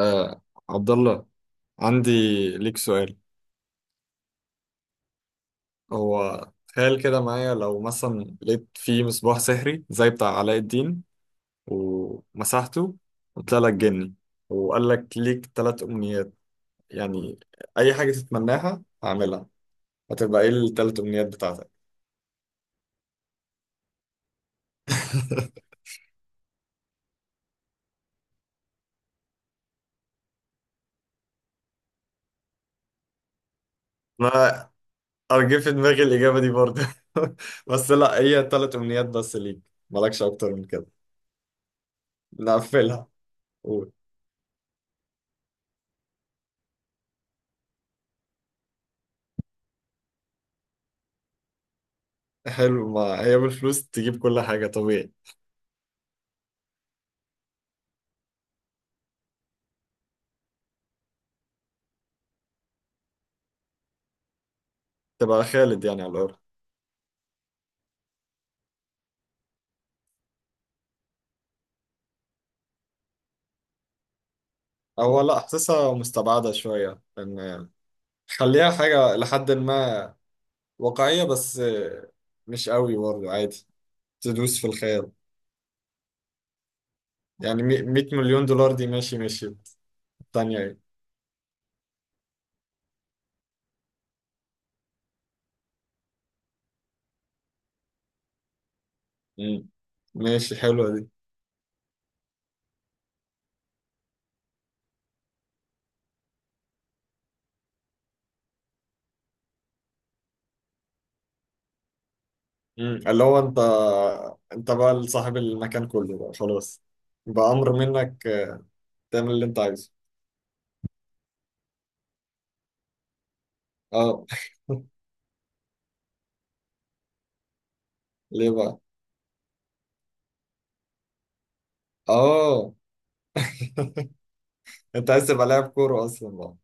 آه عبد الله، عندي ليك سؤال. هو تخيل كده معايا، لو مثلا لقيت فيه مصباح سحري زي بتاع علاء الدين ومسحته وطلع لك جني وقال لك ليك ثلاث أمنيات، يعني أي حاجة تتمناها هعملها، هتبقى إيه الثلاث أمنيات بتاعتك؟ ما أرجع في دماغي الإجابة دي برضه. بس لا، هي ثلاث أمنيات بس ليك، مالكش أكتر من كده. نقفلها، قول. حلو، ما هي بالفلوس تجيب كل حاجة طبيعي. تبقى خالد يعني على الأرض. هو لا، حاسسها مستبعدة شوية. إن خليها حاجة لحد ما واقعية بس، مش قوي برضه، عادي تدوس في الخيال. يعني 100 مليون دولار دي ماشي ماشي، التانية ايه؟ مم. ماشي، حلوة دي. مم. اللي هو انت، انت بقى صاحب المكان كله بقى خلاص، بأمر منك تعمل اللي انت عايزه. اه. ليه بقى؟ اه. انت عايز تبقى لاعب كورة اصلا بقى.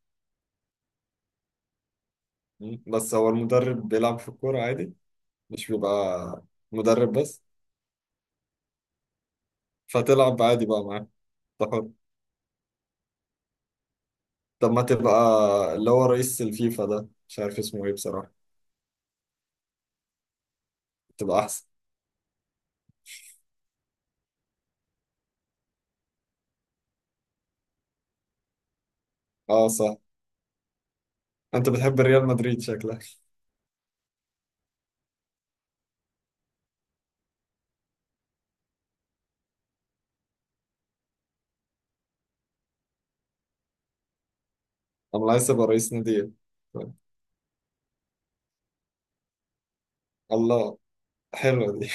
مم. بس هو المدرب بيلعب في الكورة عادي، مش بيبقى مدرب بس، فتلعب عادي بقى معاه، ده حر. طب ما تبقى اللي هو رئيس الفيفا، ده مش عارف اسمه ايه بصراحة، تبقى أحسن. اه صح، انت بتحب ريال مدريد شكلك. انا عايز ابقى رئيس نادي إيه؟ طيب. الله، حلوة دي.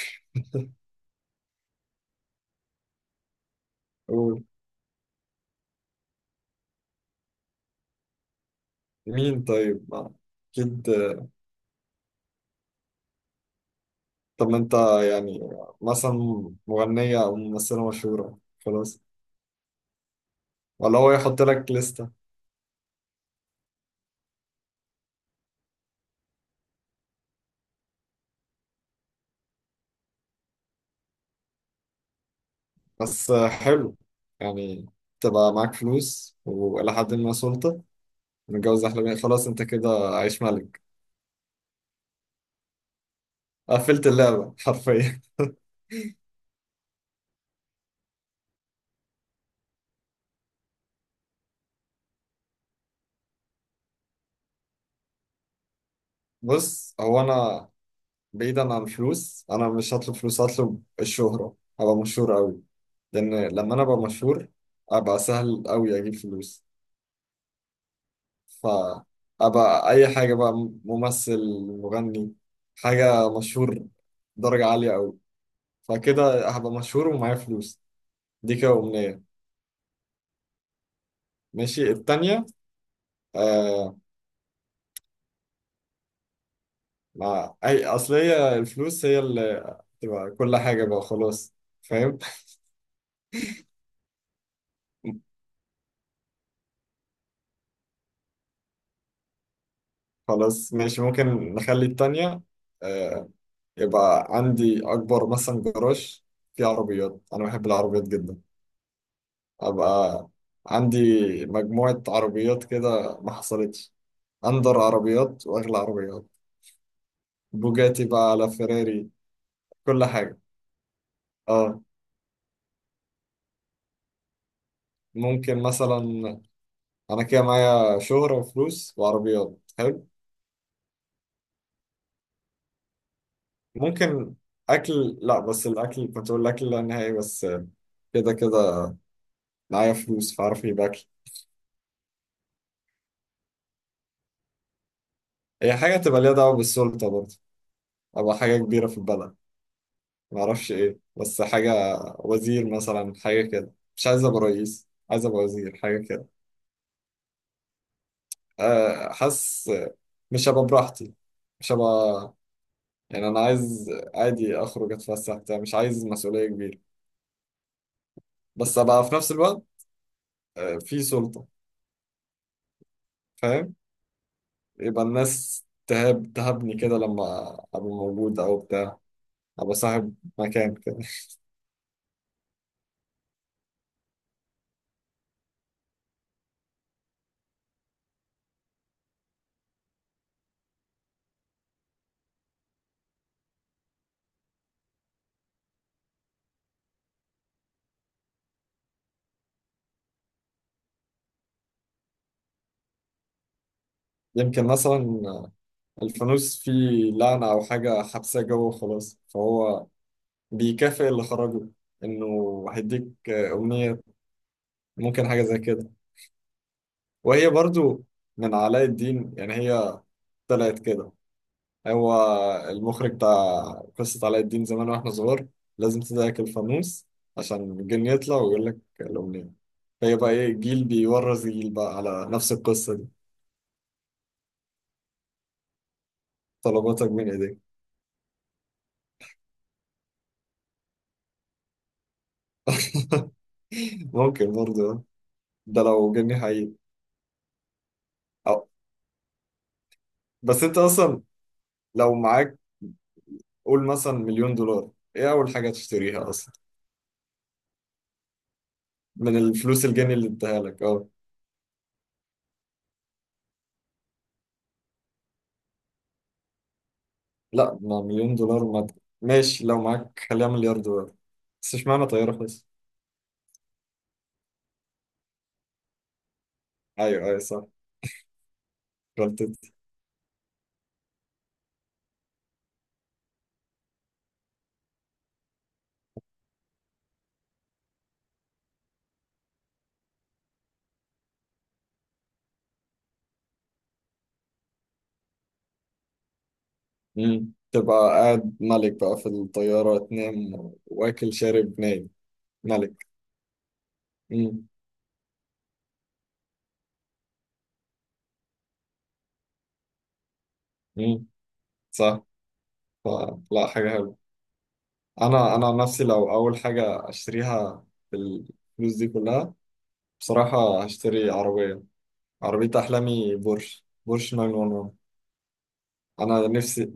قول. مين طيب أكيد. طب ما أنت يعني مثلا مغنية أو ممثلة مشهورة خلاص، ولا هو يحط لك لستة؟ بس حلو، يعني تبقى معاك فلوس وإلى حد ما سلطة، متجوز أحلامي، خلاص أنت كده عايش ملك. قفلت اللعبة حرفيا. بص، هو أنا بعيدا عن الفلوس، أنا مش هطلب فلوس، هطلب الشهرة، أبقى مشهور أوي، لأن لما أنا أبقى مشهور أبقى سهل أوي أجيب فلوس، فأبقى أي حاجة بقى، ممثل، مغني، حاجة مشهور درجة عالية أوي، فكده هبقى مشهور ومعايا فلوس، دي كده أمنية. ماشي، التانية آه، مع أي أصل هي الفلوس هي اللي تبقى كل حاجة بقى خلاص، فاهم. خلاص ماشي، ممكن نخلي التانية آه، يبقى عندي أكبر مثلا جراج فيه عربيات، أنا بحب العربيات جدا، أبقى عندي مجموعة عربيات كده ما حصلتش، أندر عربيات وأغلى عربيات، بوجاتي بقى على فيراري، كل حاجة. اه، ممكن مثلا، كده معايا شهرة وفلوس وعربيات، حلو. ممكن اكل، لا بس الاكل، كنت اقول الاكل لا نهائي، بس كده كده معايا فلوس فاعرف اجيب اكل. هي حاجه تبقى ليها دعوه بالسلطه برضه، ابقى حاجه كبيره في البلد، ما اعرفش ايه، بس حاجه، وزير مثلا، حاجه كده، مش عايز ابقى رئيس، عايز ابقى وزير حاجه كده. أه، حاسس مش هبقى براحتي، مش هبقى، يعني انا عايز عادي اخرج اتفسح بتاع، مش عايز مسؤوليه كبيره، بس ابقى في نفس الوقت أه، في سلطه، فاهم، يبقى الناس تهابني كده لما أبقى موجود أو بتاع، أبقى صاحب مكان كده. يمكن مثلا الفانوس فيه لعنة أو حاجة حبساه جوه وخلاص، فهو بيكافئ اللي خرجه إنه هيديك أمنية، ممكن حاجة زي كده. وهي برضو من علاء الدين، يعني هي طلعت كده، هو المخرج بتاع قصة علاء الدين زمان واحنا صغار، لازم تضحك الفانوس عشان الجن يطلع ويقول لك الأمنية، هي بقى ايه، جيل بيورث جيل بقى على نفس القصة دي. طلباتك من ايديك. ممكن برضه آه. ده لو جني حقيقي. أو. بس انت اصلا لو معاك قول مثلا مليون دولار، ايه اول حاجة تشتريها اصلا، من الفلوس الجني اللي اداها لك؟ اه لا، ما مليون دولار ما ماشي، لو معاك خليها مليار دولار، بس اشمعنى طيارة بس؟ ايوه ايوه صح، رحت. مم. تبقى قاعد ملك بقى في الطيارة، تنام واكل شارب نايم، ملك. مم. مم. صح، فلا حاجة حلوة. أنا عن نفسي لو أول حاجة أشتريها بالفلوس دي كلها، بصراحة هشتري عربية، عربية أحلامي، بورش، بورش 911، أنا نفسي.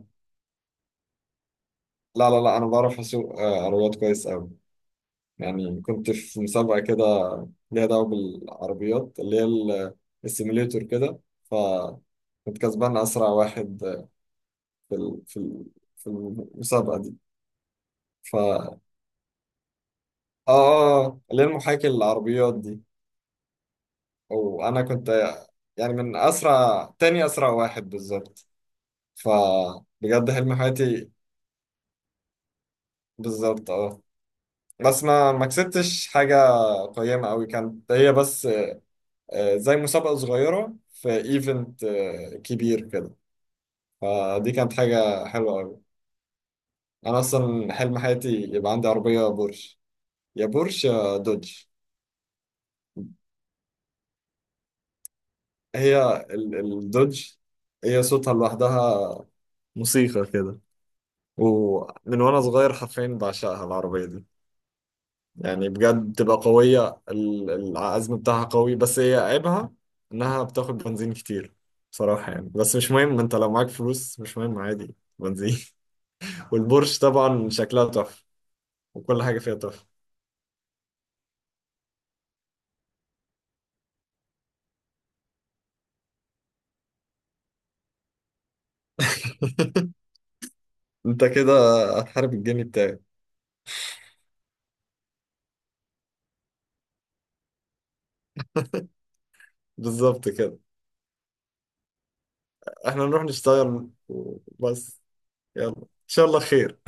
لا لا لا، أنا بعرف أسوق آه، عربيات كويس أوي، يعني كنت في مسابقة كده ليها دعوة بالعربيات، اللي هي السيميليتور كده، فكنت كسبان أسرع واحد في في المسابقة دي. ف آه آه آه، اللي هي المحاكي للعربيات دي، وأنا كنت يعني من أسرع، تاني أسرع واحد بالظبط، فبجد حلم حياتي. بالظبط اه، بس ما كسبتش حاجة قيمة أوي كانت، هي بس آه، زي مسابقة صغيرة في ايفنت آه، كبير كده، فدي كانت حاجة حلوة أوي. أنا أصلا حلم حياتي يبقى عندي عربية بورش، يا بورش يا دوج. الدوج هي صوتها لوحدها موسيقى كده، ومن وأنا صغير حرفيا بعشقها العربية دي، يعني بجد بتبقى قوية العزم بتاعها قوي، بس هي عيبها إنها بتاخد بنزين كتير بصراحة يعني، بس مش مهم، أنت لو معاك فلوس مش مهم عادي بنزين. والبورش طبعا شكلها تحفة، وكل حاجة فيها تحفة. انت كده هتحارب الجني بتاعي. بالظبط كده، احنا نروح نشتغل وبس، يلا ان شاء الله خير.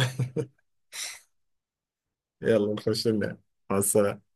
يلا نخش ننام، مع السلامة.